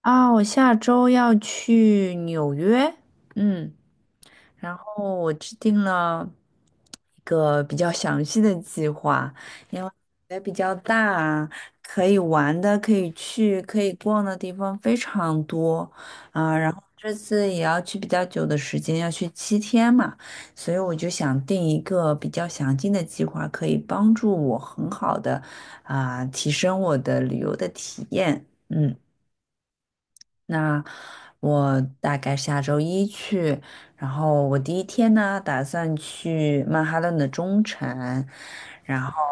啊，我下周要去纽约，嗯，然后我制定了一个比较详细的计划，因为也比较大，可以玩的、可以去、可以逛的地方非常多啊。然后这次也要去比较久的时间，要去7天嘛，所以我就想定一个比较详尽的计划，可以帮助我很好的提升我的旅游的体验，嗯。那我大概下周一去，然后我第一天呢，打算去曼哈顿的中城，然后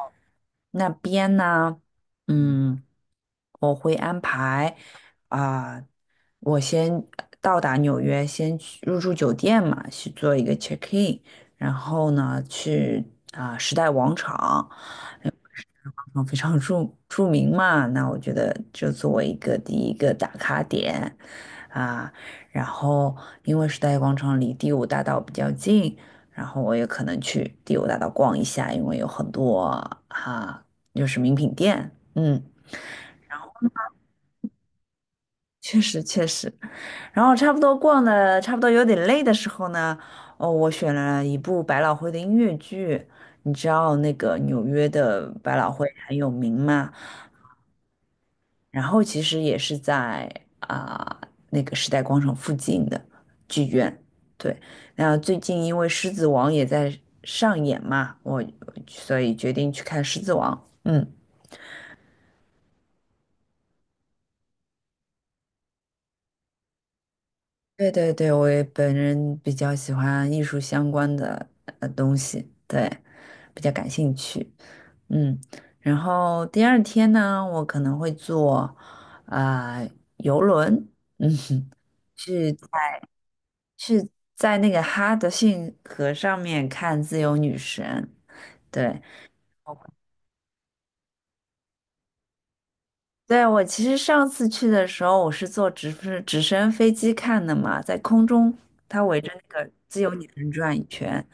那边呢，嗯，我会挨啊。我先到达纽约，先去入住酒店嘛，去做一个 check in，然后呢，去时代广场，因为时代广场非常著名嘛，那我觉得就作为一个第一个打卡点啊。然后因为时代广场离第五大道比较近，然后我也可能去第五大道逛一下，因为有很多哈、啊，就是名品店，嗯，确实确实。然后差不多逛的差不多有点累的时候呢，哦，我选了一部百老汇的音乐剧。你知道那个纽约的百老汇很有名嘛？然后其实也是在啊、那个时代广场附近的剧院。对，那最近因为《狮子王》也在上演嘛，所以决定去看《狮子王》。嗯。对对对，我也本人比较喜欢艺术相关的东西，对，比较感兴趣。嗯，然后第二天呢，我可能会坐啊、呃、游轮，嗯哼，去是在那个哈德逊河上面看自由女神。对，对，我其实上次去的时候，我是坐直升飞机看的嘛，在空中它围着那个自由女神转一圈。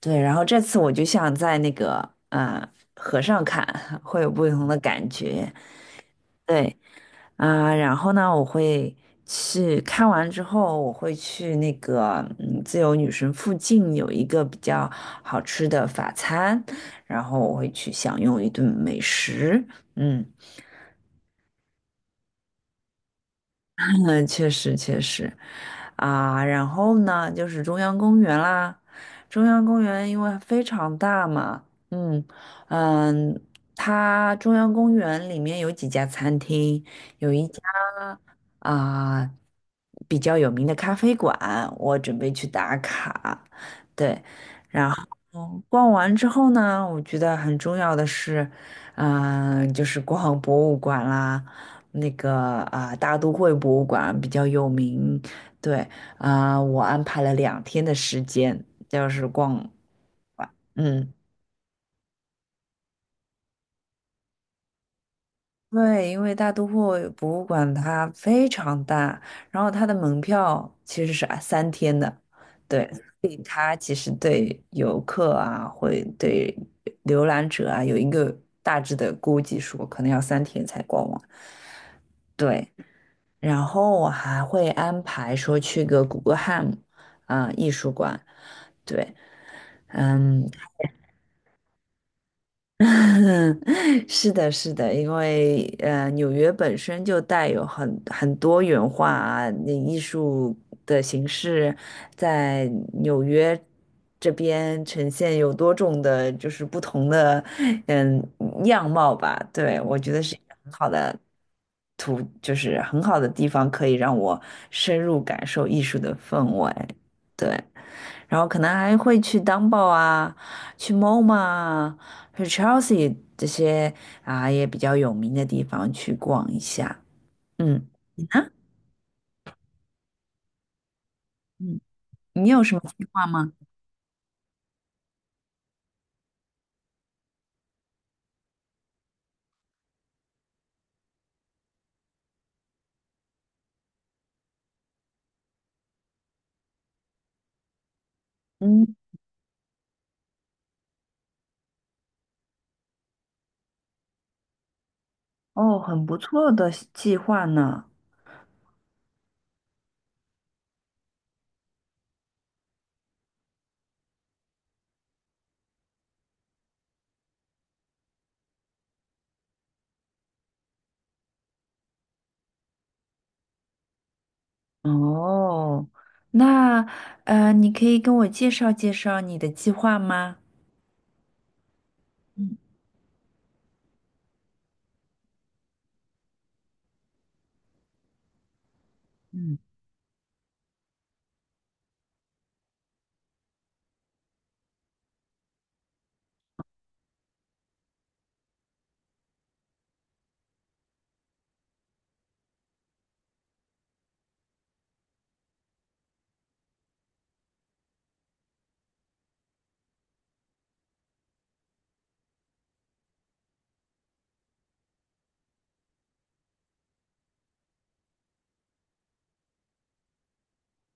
对，然后这次我就像在那个河上看，会有不同的感觉。对然后呢，去看完之后，我会去那个自由女神附近有一个比较好吃的法餐，然后我会去享用一顿美食。嗯，嗯，确实确实，啊，然后呢，就是中央公园啦。中央公园因为非常大嘛，嗯嗯，它中央公园里面有几家餐厅，有一家啊、比较有名的咖啡馆，我准备去打卡。对，然后逛完之后呢，我觉得很重要的是，就是逛博物馆啦。那个大都会博物馆比较有名。对我安排了2天的时间，就是逛，嗯。对，因为大都会博物馆它非常大，然后它的门票其实是三天的，对，它其实对游客啊，会对浏览者啊有一个大致的估计说，可能要三天才逛完。对，然后我还会安排说去个古根汉姆艺术馆，对，嗯，是的，是的，因为纽约本身就带有很多元化啊那艺术的形式在纽约这边呈现有多种的，就是不同的嗯样貌吧。对，我觉得是一个很好的图，就是很好的地方，可以让我深入感受艺术的氛围。对，然后可能还会去 Dumbo 啊，去 MoMA 啊。和 Chelsea 这些啊也比较有名的地方去逛一下。嗯，你呢？嗯，你有什么计划吗？嗯，哦，很不错的计划呢。哦，那你可以跟我介绍介绍你的计划吗？嗯嗯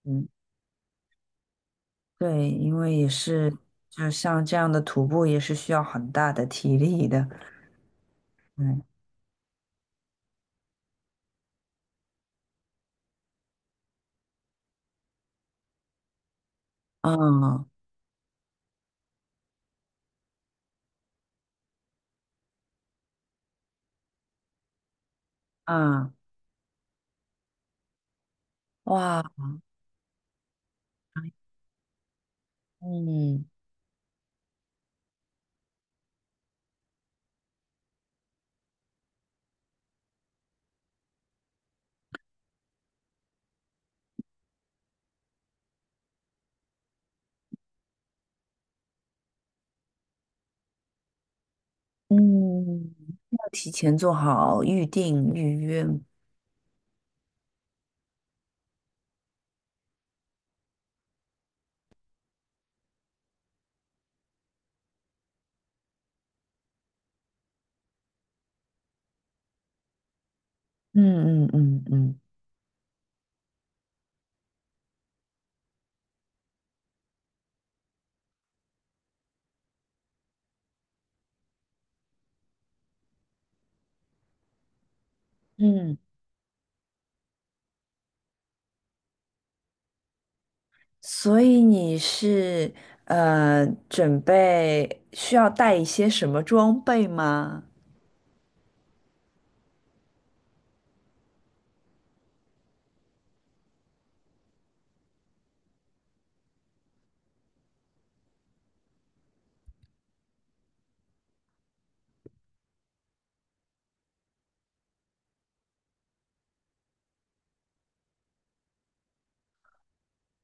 嗯，对，因为也是，就像这样的徒步也是需要很大的体力的。嗯，啊啊，哇，嗯嗯。提前做好预定预约。嗯嗯嗯嗯嗯，所以你是准备需要带一些什么装备吗？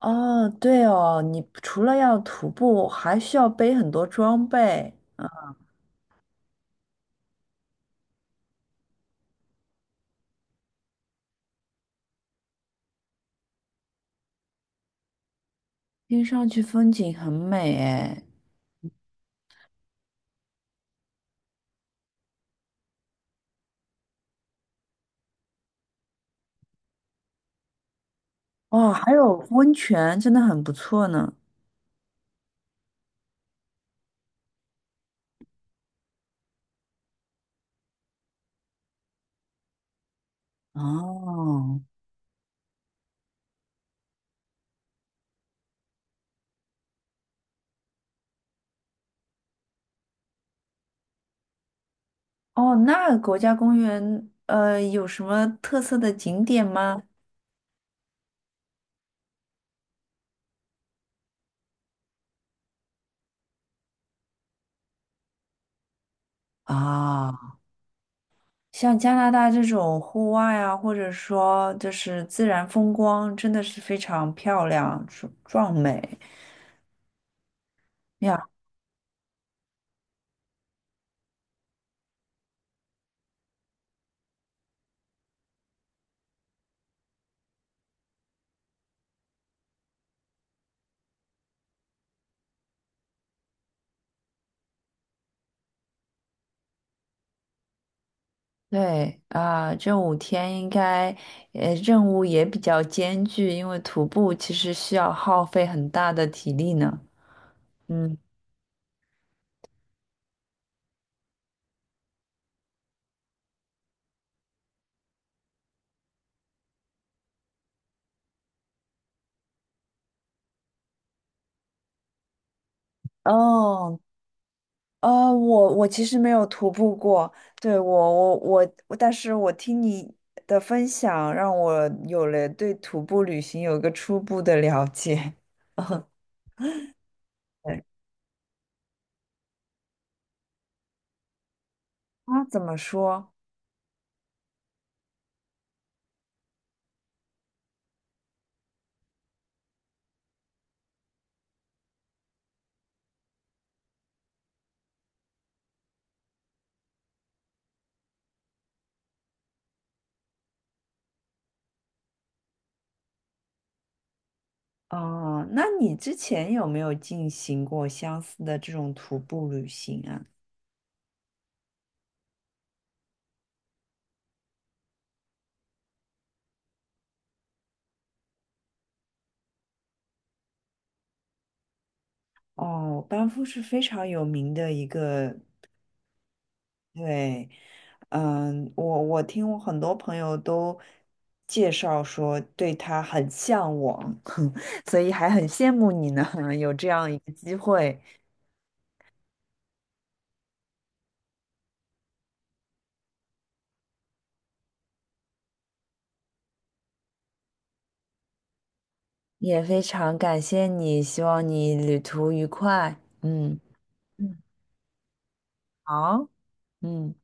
哦，对哦，你除了要徒步，还需要背很多装备，听上去风景很美诶。哦，还有温泉，真的很不错呢。哦。哦，那国家公园有什么特色的景点吗？啊、像加拿大这种户外啊，或者说就是自然风光，真的是非常漂亮、壮美呀。对啊，这5天应该，任务也比较艰巨，因为徒步其实需要耗费很大的体力呢。嗯，哦，我其实没有徒步过，对，我，但是我听你的分享，让我有了对徒步旅行有一个初步的了解。对。啊，怎么说？哦，那你之前有没有进行过相似的这种徒步旅行啊？哦，班夫是非常有名的一个，对，嗯，我听我很多朋友都介绍说对他很向往，所以还很羡慕你呢，有这样一个机会，也非常感谢你，希望你旅途愉快。嗯，嗯，好，嗯。